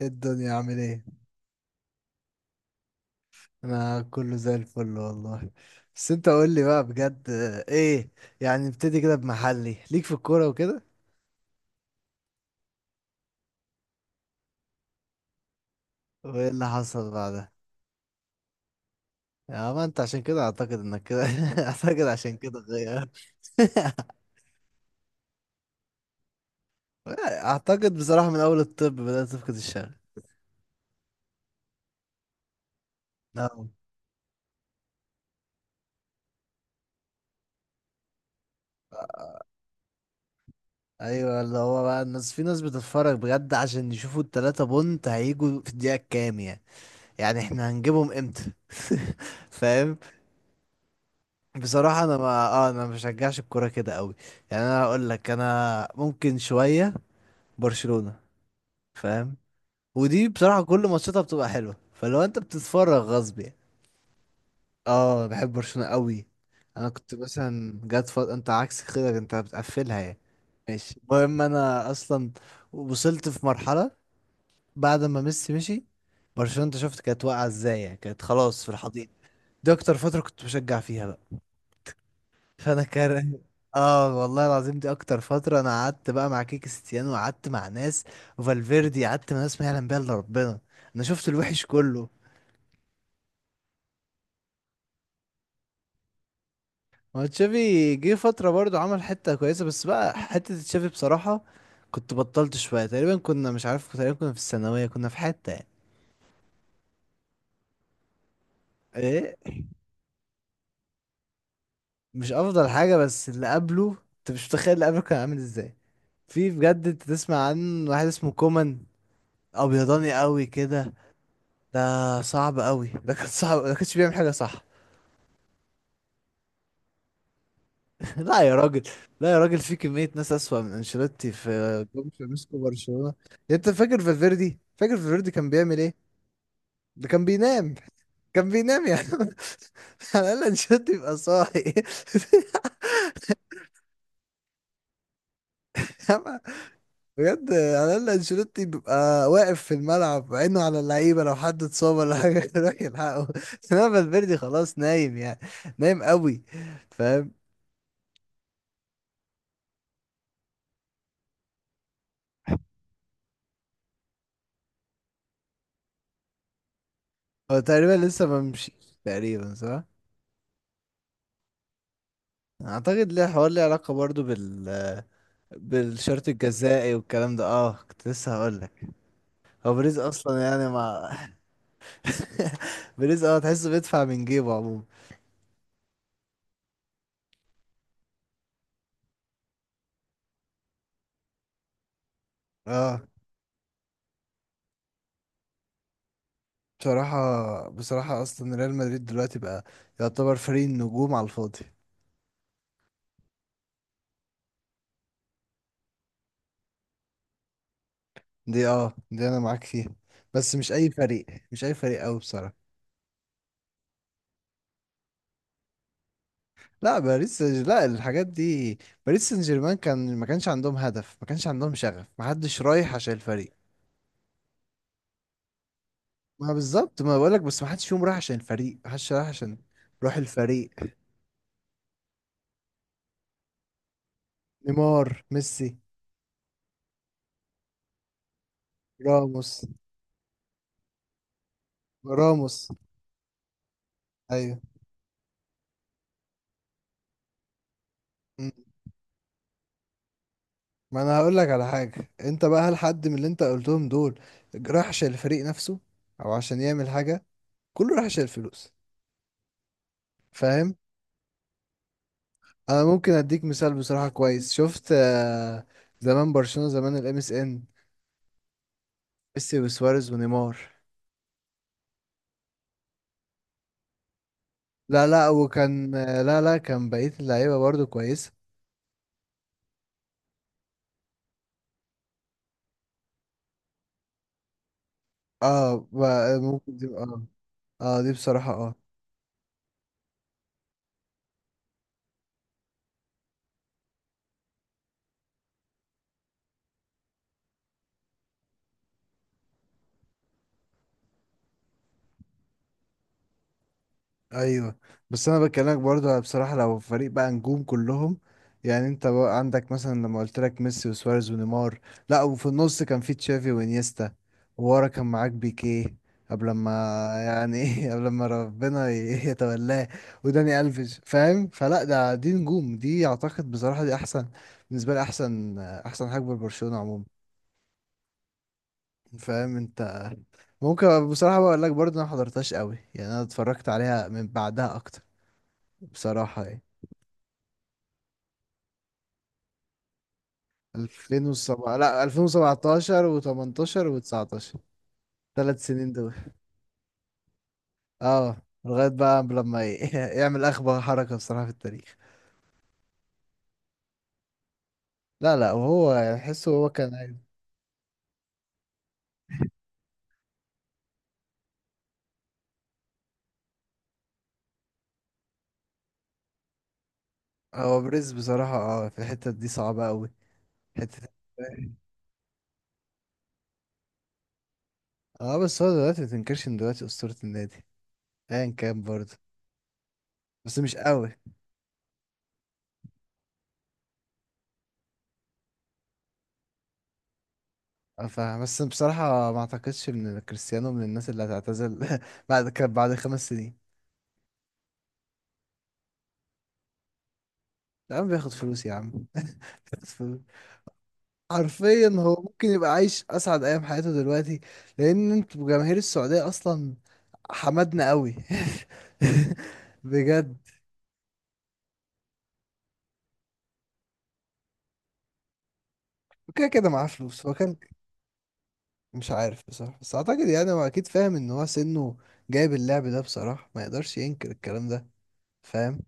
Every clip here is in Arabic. إيه الدنيا عامل ايه؟ انا كله زي الفل والله. بس انت قول لي بقى بجد، ايه يعني، نبتدي كده بمحلي ليك في الكوره وكده. وايه اللي حصل بعدها؟ يا ما انت عشان كده اعتقد انك كده اعتقد عشان كده غير. اعتقد بصراحه من اول الطب بدات تفقد الشغف. نعم. ايوه اللي هو بقى، الناس في ناس بتتفرج بجد عشان يشوفوا التلاتة بونت هيجوا في الدقيقه الكام يعني، يعني احنا هنجيبهم امتى. فاهم. بصراحة أنا ما بشجعش الكورة كده قوي. يعني أنا أقول لك، أنا ممكن شوية برشلونة، فاهم. ودي بصراحة كل ماتشاتها بتبقى حلوة، فلو أنت بتتفرج غصب يعني. آه بحب برشلونة قوي. أنا كنت مثلا جات أنت عكس كده، أنت بتقفلها يعني. ماشي، المهم أنا أصلا وصلت في مرحلة بعد ما ميسي مشي برشلونة، أنت شفت كانت واقعة إزاي يعني، كانت خلاص في الحضيض. دي أكتر فترة كنت بشجع فيها بقى، فانا كاره. اه والله العظيم، دي اكتر فتره انا قعدت بقى مع كيك ستيانو، وقعدت مع ناس وفالفيردي، قعدت مع ناس ما يعلم بيها الا ربنا. انا شفت الوحش كله. ما تشافي جه فتره برضو عمل حته كويسه، بس بقى حته تشافي بصراحه، كنت بطلت شويه تقريبا، كنا مش عارف، تقريبا كنا في الثانويه كنا في حته يعني. ايه، مش افضل حاجه، بس اللي قبله انت مش متخيل اللي قبله كان عامل ازاي. في بجد، انت تسمع عن واحد اسمه كومان، ابيضاني قوي كده. ده صعب قوي، ده كان صعب، ده كانش بيعمل حاجه صح. لا يا راجل. لا يا راجل، في كميه ناس اسوأ من انشيلوتي، في جون فيسكو برشلونه. انت فاكر فالفيردي، فاكر فالفيردي كان بيعمل ايه؟ ده كان بينام. كان بينام يعني. على الاقل انشيلوتي يبقى صاحي. ياما، بجد على الاقل انشيلوتي بيبقى واقف في الملعب، عينه على اللعيبه لو حد اتصاب ولا حاجه يروح يلحقه. انما فالفيردي خلاص نايم يعني. نايم قوي. فاهم. هو تقريبا لسه ما مشيش. تقريبا صح. اعتقد ليه حوار، ليه علاقه برضو بالشرط الجزائي والكلام ده، اه كنت لسه هقول لك. هو بريز اصلا يعني مع، بريز اه تحسه بيدفع من جيبه عموما. اه بصراحه، اصلا ريال مدريد دلوقتي بقى يعتبر فريق النجوم على الفاضي. دي اه، دي انا معاك فيها، بس مش اي فريق، مش اي فريق قوي بصراحه. لا، الحاجات دي، باريس سان جيرمان كان ما كانش عندهم هدف، ما كانش عندهم شغف، ما حدش رايح عشان الفريق. ما بالظبط ما بقولك، بس ما حدش فيهم رايح عشان الفريق، ما حدش رايح عشان روح الفريق. نيمار ميسي. راموس. راموس. ايوه. مم. ما انا هقول لك على حاجه انت بقى، هل حد من اللي انت قلتهم دول رايح عشان الفريق نفسه، او عشان يعمل حاجه؟ كله رايح عشان الفلوس، فاهم. انا ممكن اديك مثال بصراحه كويس، شفت، زمان برشلونه زمان، الام اس ان، ميسي وسواريز ونيمار. لا لا، وكان، لا لا، كان بقية اللعيبة برضو كويسة. اه ممكن دي اه. اه دي بصراحة اه. ايوه، بس انا بكلمك برضه بصراحه، لو فريق بقى نجوم كلهم، يعني انت بقى عندك مثلا لما قلت لك ميسي وسواريز ونيمار، لا وفي النص كان في تشافي وانيستا، وورا كان معاك بيكيه قبل ما يعني، ايه قبل ما ربنا يتولاه، وداني الفيش، فاهم. فلا ده، دي نجوم، دي اعتقد بصراحه دي احسن بالنسبه لي، احسن احسن حاجه برشلونه عموما، فاهم انت. ممكن بصراحه بقول لك برضه انا ما حضرتهاش قوي يعني، انا اتفرجت عليها من بعدها اكتر بصراحه يعني. 2007 لا، 2017 و18 و19، ثلاث سنين دول اه. لغاية بقى لما يعمل أخبى حركة بصراحة في التاريخ. لا لا، وهو يعني أحسه هو كان عايز. هو بريز بصراحة اه في الحتة دي صعبة أوي، حتة. اه بس هو دلوقتي متنكرش إن دلوقتي أسطورة النادي أيا كان برضه، بس مش قوي. اه فاهم، بس بصراحة ما أعتقدش إن كريستيانو من الناس اللي هتعتزل بعد كان بعد خمس سنين. يا عم بياخد فلوس يا عم، بياخد فلوس. حرفيا هو ممكن يبقى عايش اسعد ايام حياته دلوقتي، لان انتوا جماهير السعوديه اصلا حمدنا قوي. بجد. وكده كده معاه فلوس، هو كان. مش عارف بصراحه، بس اعتقد يعني هو اكيد فاهم ان هو سنه جايب اللعب ده بصراحه، ما يقدرش ينكر الكلام ده، فاهم.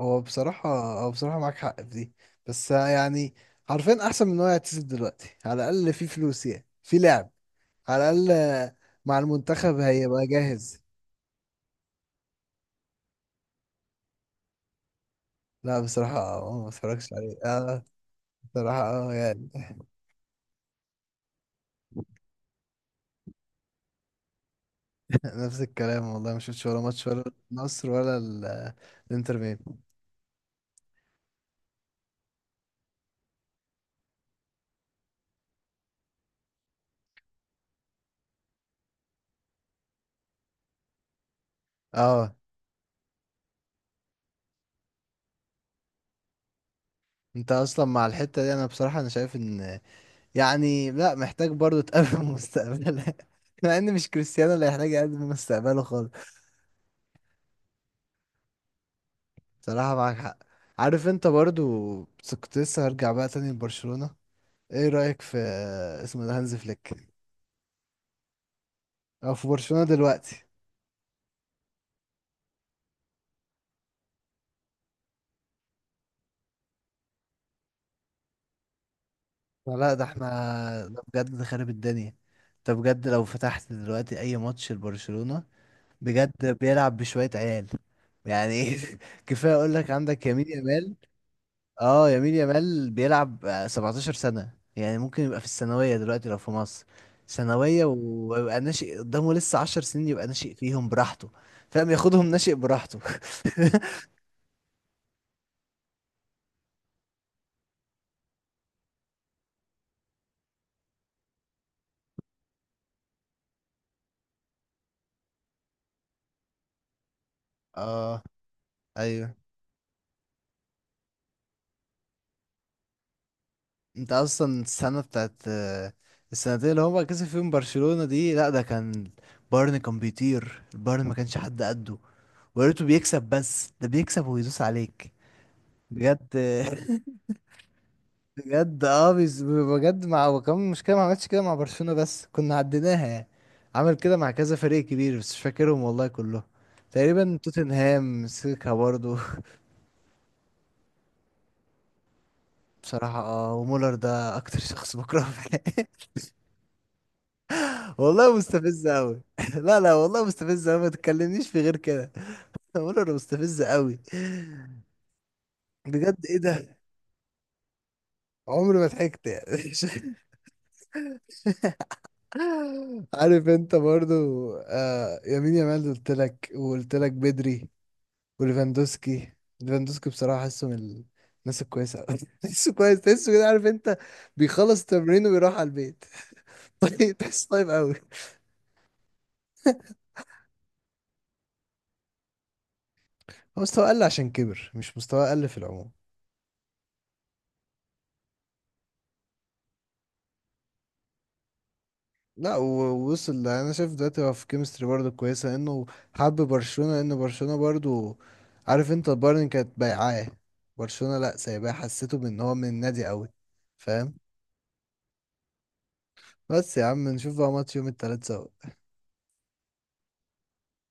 هو بصراحه هو بصراحه، معاك حق في دي، بس يعني حرفيا احسن من ان هو يعتزل دلوقتي، على الاقل في فلوس، يعني في لعب، على الاقل مع المنتخب هيبقى جاهز. لا بصراحة، ما اتفرجش عليه اه. بصراحة اه يعني. نفس الكلام والله، ما شفتش ولا ماتش، ولا النصر ولا الانتر ميامي اه. انت اصلا مع الحتة دي، انا بصراحة انا شايف ان يعني، لا محتاج برضو تقابل مستقبلها، مع ان مش كريستيانو اللي هيحتاج يقدم مستقبله خالص. بصراحة معاك حق، عارف انت برضو. بس كنت لسه هرجع بقى تاني لبرشلونة. ايه رأيك في، اسمه ده هانز فليك، او في برشلونة دلوقتي؟ لا ده احنا ده بجد خارب الدنيا. انت بجد لو فتحت دلوقتي اي ماتش لبرشلونة بجد، بيلعب بشوية عيال يعني. ايه. كفاية اقول لك عندك يمين يامال. اه يمين يامال بيلعب 17 سنة، يعني ممكن يبقى في الثانوية دلوقتي لو في مصر، ثانوية، ويبقى ناشئ قدامه لسه 10 سنين، يبقى ناشئ فيهم براحته، فاهم، ياخدهم ناشئ براحته. اه. ايوه. انت اصلا السنه بتاعت، السنتين اللي هو كسب فيهم برشلونه دي، لا ده كان بايرن كان بيطير، البايرن ما كانش حد قده. ويا ريته بيكسب بس، ده بيكسب ويدوس عليك بجد. بجد اه بجد مع، وكمان مشكله ما عملتش كده مع برشلونه بس كنا عديناها يعني، عمل كده مع كذا فريق كبير بس مش فاكرهم والله كلهم، تقريبا توتنهام مسكها برضه. بصراحه اه، ومولر ده اكتر شخص بكرهه في الحياة. والله مستفزة أوي. لا لا، والله مستفزة أوي، ما تتكلمنيش في غير كده. بقول أنا مستفزة أوي بجد، إيه ده. عمري ما ضحكت يعني. عارف أنت برضو. آه يمين يامال قلت لك، وقلت لك بدري، وليفاندوسكي. ليفاندوسكي بصراحة حاسه من الناس الكويسة أوي، تحسه كويس، تحسه كده، عارف أنت، بيخلص التمرين وبيروح على البيت. طيب، تحسه طيب أوي. هو مستواه قل عشان كبر، مش مستواه قل في العموم. لا و- ووصل. انا شايف دلوقتي هو في كيمستري برضه كويسه، انه حب برشلونه، ان برشلونه برضه، عارف انت، البايرن كانت بيعاه، برشلونه لا سايباه، حسيته بان هو من النادي قوي، فاهم. بس يا عم نشوف بقى ماتش يوم التلات سوا.